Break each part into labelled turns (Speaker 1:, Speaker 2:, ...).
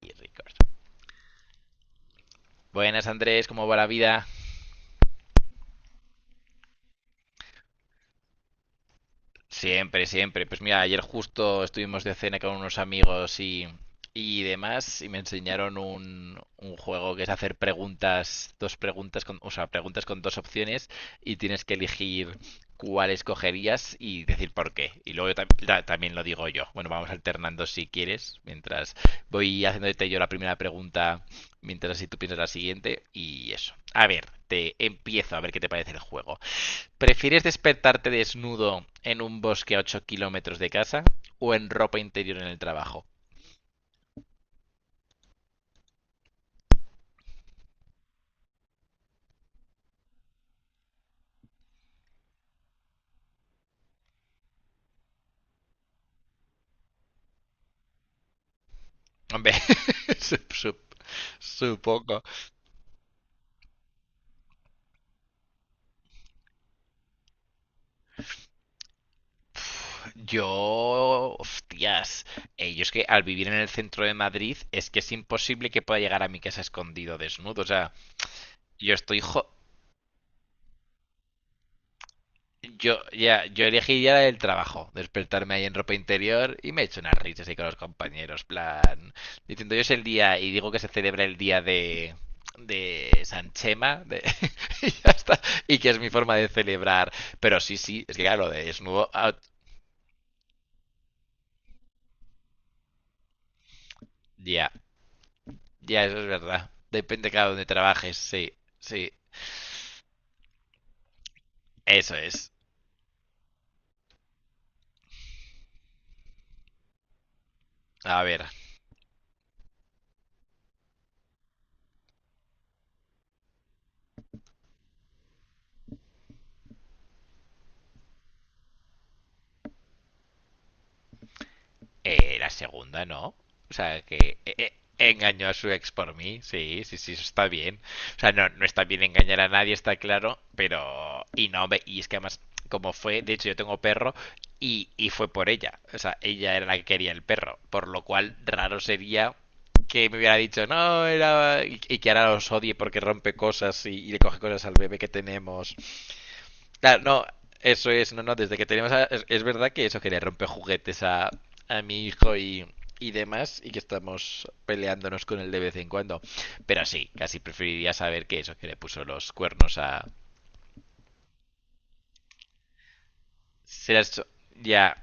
Speaker 1: Y Record. Buenas Andrés, ¿cómo va la vida? Siempre, siempre. Pues mira, ayer justo estuvimos de cena con unos amigos y demás y me enseñaron un juego que es hacer preguntas, dos preguntas con, o sea, preguntas con dos opciones y tienes que elegir cuál escogerías y decir por qué. Y luego yo también lo digo yo. Bueno, vamos alternando si quieres, mientras voy haciéndote yo la primera pregunta, mientras si tú piensas la siguiente y eso. A ver, te empiezo a ver qué te parece el juego. ¿Prefieres despertarte desnudo en un bosque a 8 kilómetros de casa o en ropa interior en el trabajo? Hombre, sup- sup- supongo. Pf, hostias, yo es que al vivir en el centro de Madrid es que es imposible que pueda llegar a mi casa escondido desnudo. O sea, yo estoy, jo- yo elegiría la del trabajo, despertarme ahí en ropa interior y me echo unas risas ahí con los compañeros, plan, diciendo yo es el día, y digo que se celebra el día de San Chema, de, y ya está, y que es mi forma de celebrar, pero sí, sí, es que claro, lo de desnudo, ah, ya, ya, eso es verdad, depende cada donde trabajes, sí, sí, eso es, a ver, la segunda no. O sea, que engañó a su ex por mí. Sí, sí, sí, eso está bien. O sea, no, no está bien engañar a nadie, está claro. Pero. Y no, hombre, y es que además, como fue, de hecho, yo tengo perro y fue por ella. O sea, ella era la que quería el perro. Por lo cual, raro sería que me hubiera dicho, no, era. Y que ahora los odie porque rompe cosas y le coge cosas al bebé que tenemos. Claro, no, eso es, no, no, desde que es verdad que eso que le rompe juguetes a mi hijo y demás, y que estamos peleándonos con él de vez en cuando. Pero sí, casi preferiría saber que eso que le puso los cuernos a... Será eso- Ya,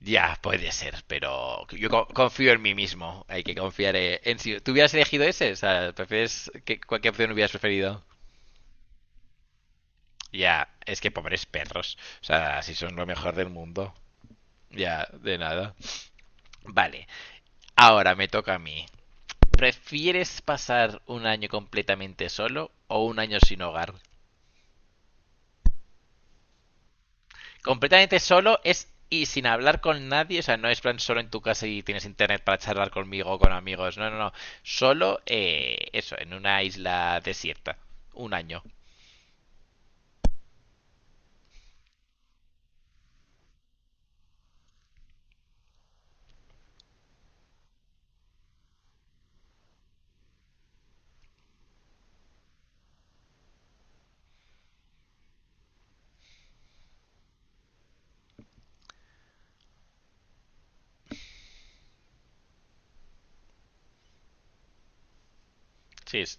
Speaker 1: ya puede ser, pero yo confío en mí mismo. Hay que confiar en si... ¿Tú hubieras elegido ese? O sea, ¿prefieres que, cualquier opción hubieras preferido? Ya, es que pobres perros. O sea, si son lo mejor del mundo. Ya, de nada. Vale. Ahora me toca a mí. ¿Prefieres pasar un año completamente solo o un año sin hogar? Completamente solo es y sin hablar con nadie, o sea, no es plan solo en tu casa y tienes internet para charlar conmigo o con amigos, no, no, no. Solo eso, en una isla desierta. Un año. Sí, es.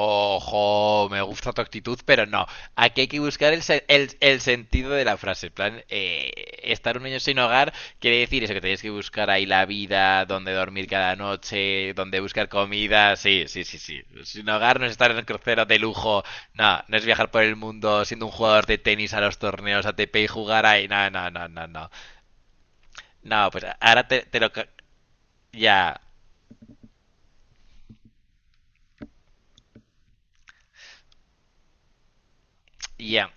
Speaker 1: Ojo, me gusta tu actitud, pero no. Aquí hay que buscar el sentido de la frase. En plan, estar un año sin hogar quiere decir eso, que tenéis que buscar ahí la vida, dónde dormir cada noche, dónde buscar comida. Sí, sí, sí, sí. Sin hogar no es estar en un crucero de lujo. No, no es viajar por el mundo siendo un jugador de tenis a los torneos ATP y jugar ahí. No, no, no, no, no. No, pues ahora te lo... ca- Ya, ya.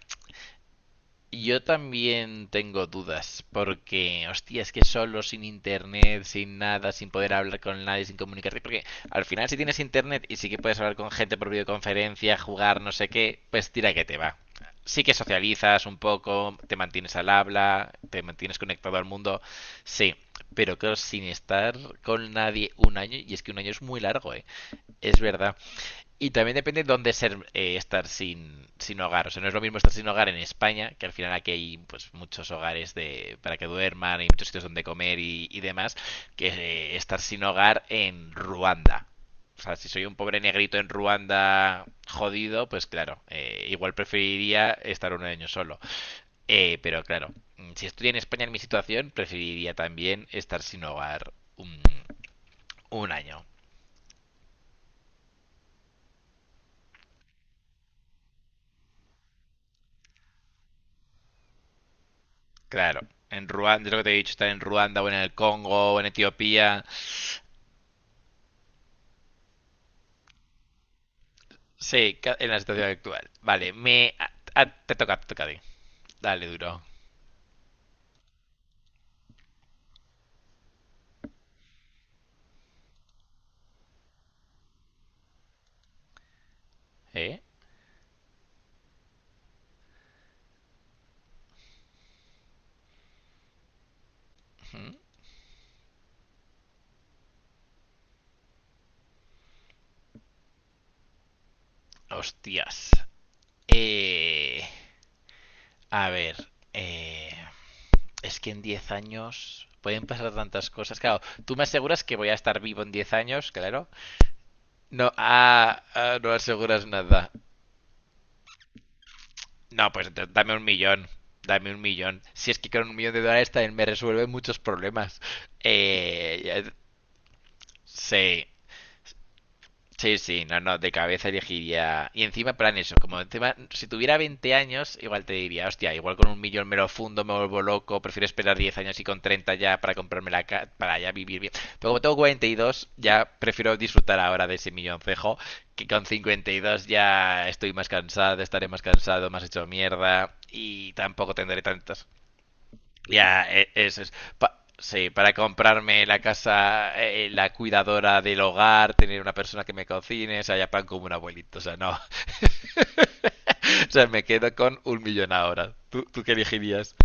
Speaker 1: Yo también tengo dudas, porque, hostia, es que solo, sin internet, sin nada, sin poder hablar con nadie, sin comunicarte, porque al final si tienes internet y sí que puedes hablar con gente por videoconferencia, jugar, no sé qué, pues tira que te va. Sí que socializas un poco, te mantienes al habla, te mantienes conectado al mundo, sí, pero claro, sin estar con nadie un año, y es que un año es muy largo, ¿eh? Es verdad. Y también depende de dónde ser, estar sin, sin hogar. O sea, no es lo mismo estar sin hogar en España, que al final aquí hay pues, muchos hogares de, para que duerman, hay muchos sitios donde comer y demás, que estar sin hogar en Ruanda. O sea, si soy un pobre negrito en Ruanda jodido, pues claro, igual preferiría estar un año solo. Pero claro, si estoy en España en mi situación, preferiría también estar sin hogar un año. Claro, en Ruanda, es lo que te he dicho, estar en Ruanda o en el Congo o en Etiopía. Sí, ca- en la situación actual. Vale, te toca a ti. Dale, duro. ¿Eh? Ujú. Hostias. Eh, a ver, eh, es que en 10 años pueden pasar tantas cosas. Claro, tú me aseguras que voy a estar vivo en 10 años, claro. No, ah, ah, no aseguras nada. No, pues entonces dame un millón. Dame un millón. Si es que con un millón de dólares también me resuelve muchos problemas. Eh, sí, Sí, sí, no, no, de cabeza elegiría. Y encima, plan eso, como encima, si tuviera 20 años, igual te diría, hostia, igual con un millón me lo fundo, me vuelvo loco, prefiero esperar 10 años y con 30 ya para comprarme para ya vivir bien. Pero como tengo 42, ya prefiero disfrutar ahora de ese milloncejo, que con 52 ya estoy más cansado, estaré más cansado, más hecho mierda y tampoco tendré tantas ya, eso es. Sí, para comprarme la casa, la cuidadora del hogar, tener una persona que me cocine, o sea, ya pan como un abuelito, o sea, no. O sea, me quedo con un millón ahora. ¿Tú, tú qué elegirías?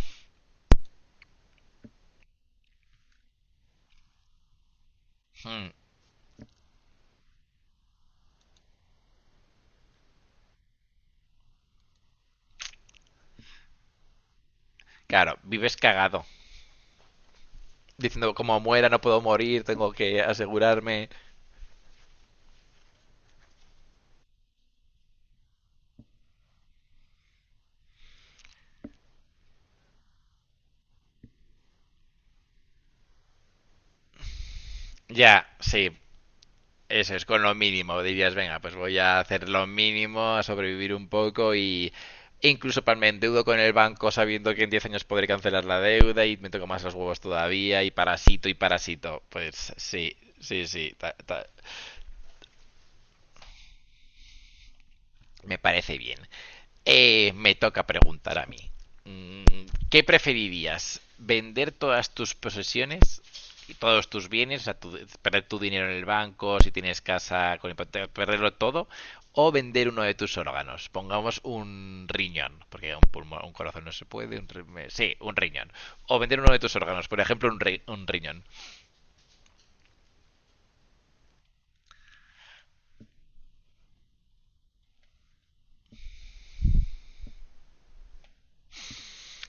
Speaker 1: Hmm, claro, vives cagado. Diciendo, como muera, no puedo morir, tengo que asegurarme. Ya, sí. Eso es, con lo mínimo, dirías, venga, pues voy a hacer lo mínimo, a sobrevivir un poco y e incluso para me endeudo con el banco sabiendo que en 10 años podré cancelar la deuda y me toco más los huevos todavía y parasito y parasito. Pues sí, sí, sí, me parece bien. Me toca preguntar a mí. Mm, ¿qué preferirías? ¿Vender todas tus posesiones y todos tus bienes? O sea, perder tu dinero en el banco, si tienes casa con hipoteca, perderlo todo. O vender uno de tus órganos. Pongamos un riñón, porque un pulmón, un corazón no se puede. Un riñón. O vender uno de tus órganos, por ejemplo, un riñón.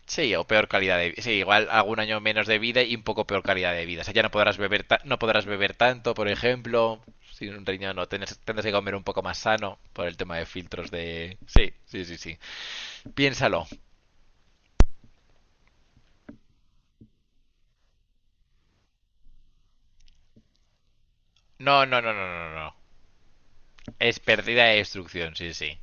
Speaker 1: Sí, o peor calidad de vida. Sí, igual algún año menos de vida y un poco peor calidad de vida. O sea, ya no podrás beber, no podrás beber tanto, por ejemplo. Sin un riñón, no tendrás, tendrás que comer un poco más sano por el tema de filtros de. Sí, sí, sí, sí. Piénsalo. No, no, no, no, no, no. Es pérdida de instrucción sí, sí.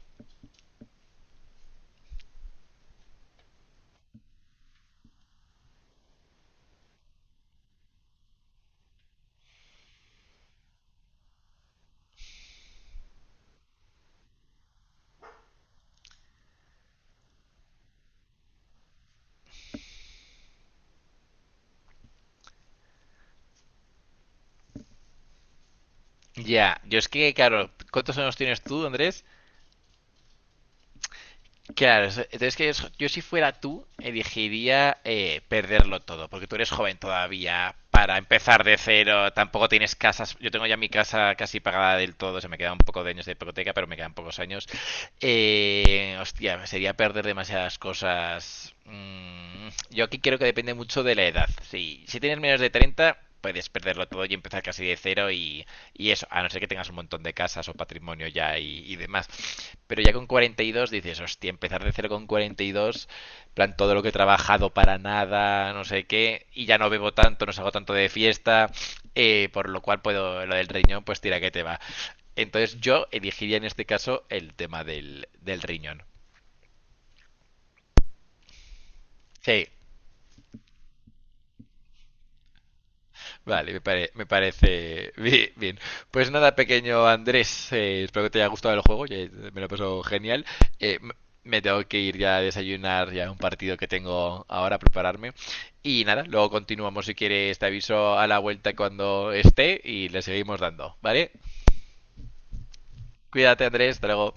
Speaker 1: Ya, yo es que, claro, ¿cuántos años tienes tú, Andrés? Claro, entonces que yo si fuera tú, elegiría perderlo todo, porque tú eres joven todavía, para empezar de cero, tampoco tienes casas, yo tengo ya mi casa casi pagada del todo, se me quedan un poco de años de hipoteca, pero me quedan pocos años. Hostia, sería perder demasiadas cosas. Mm, yo aquí creo que depende mucho de la edad. Si, si tienes menos de 30 puedes perderlo todo y empezar casi de cero y eso, a no ser que tengas un montón de casas o patrimonio ya y demás. Pero ya con 42 dices, hostia, empezar de cero con 42, plan todo lo que he trabajado para nada, no sé qué, y ya no bebo tanto, no salgo tanto de fiesta, por lo cual puedo, lo del riñón, pues tira que te va. Entonces yo elegiría en este caso el tema del, del riñón. Sí, vale, me parece bien. Pues nada, pequeño Andrés, espero que te haya gustado el juego, ya me lo pasó genial. Eh, m- me tengo que ir ya a desayunar, ya un partido que tengo ahora a prepararme. Y nada, luego continuamos si quieres, te aviso a la vuelta cuando esté y le seguimos dando, ¿vale? Cuídate Andrés, hasta luego.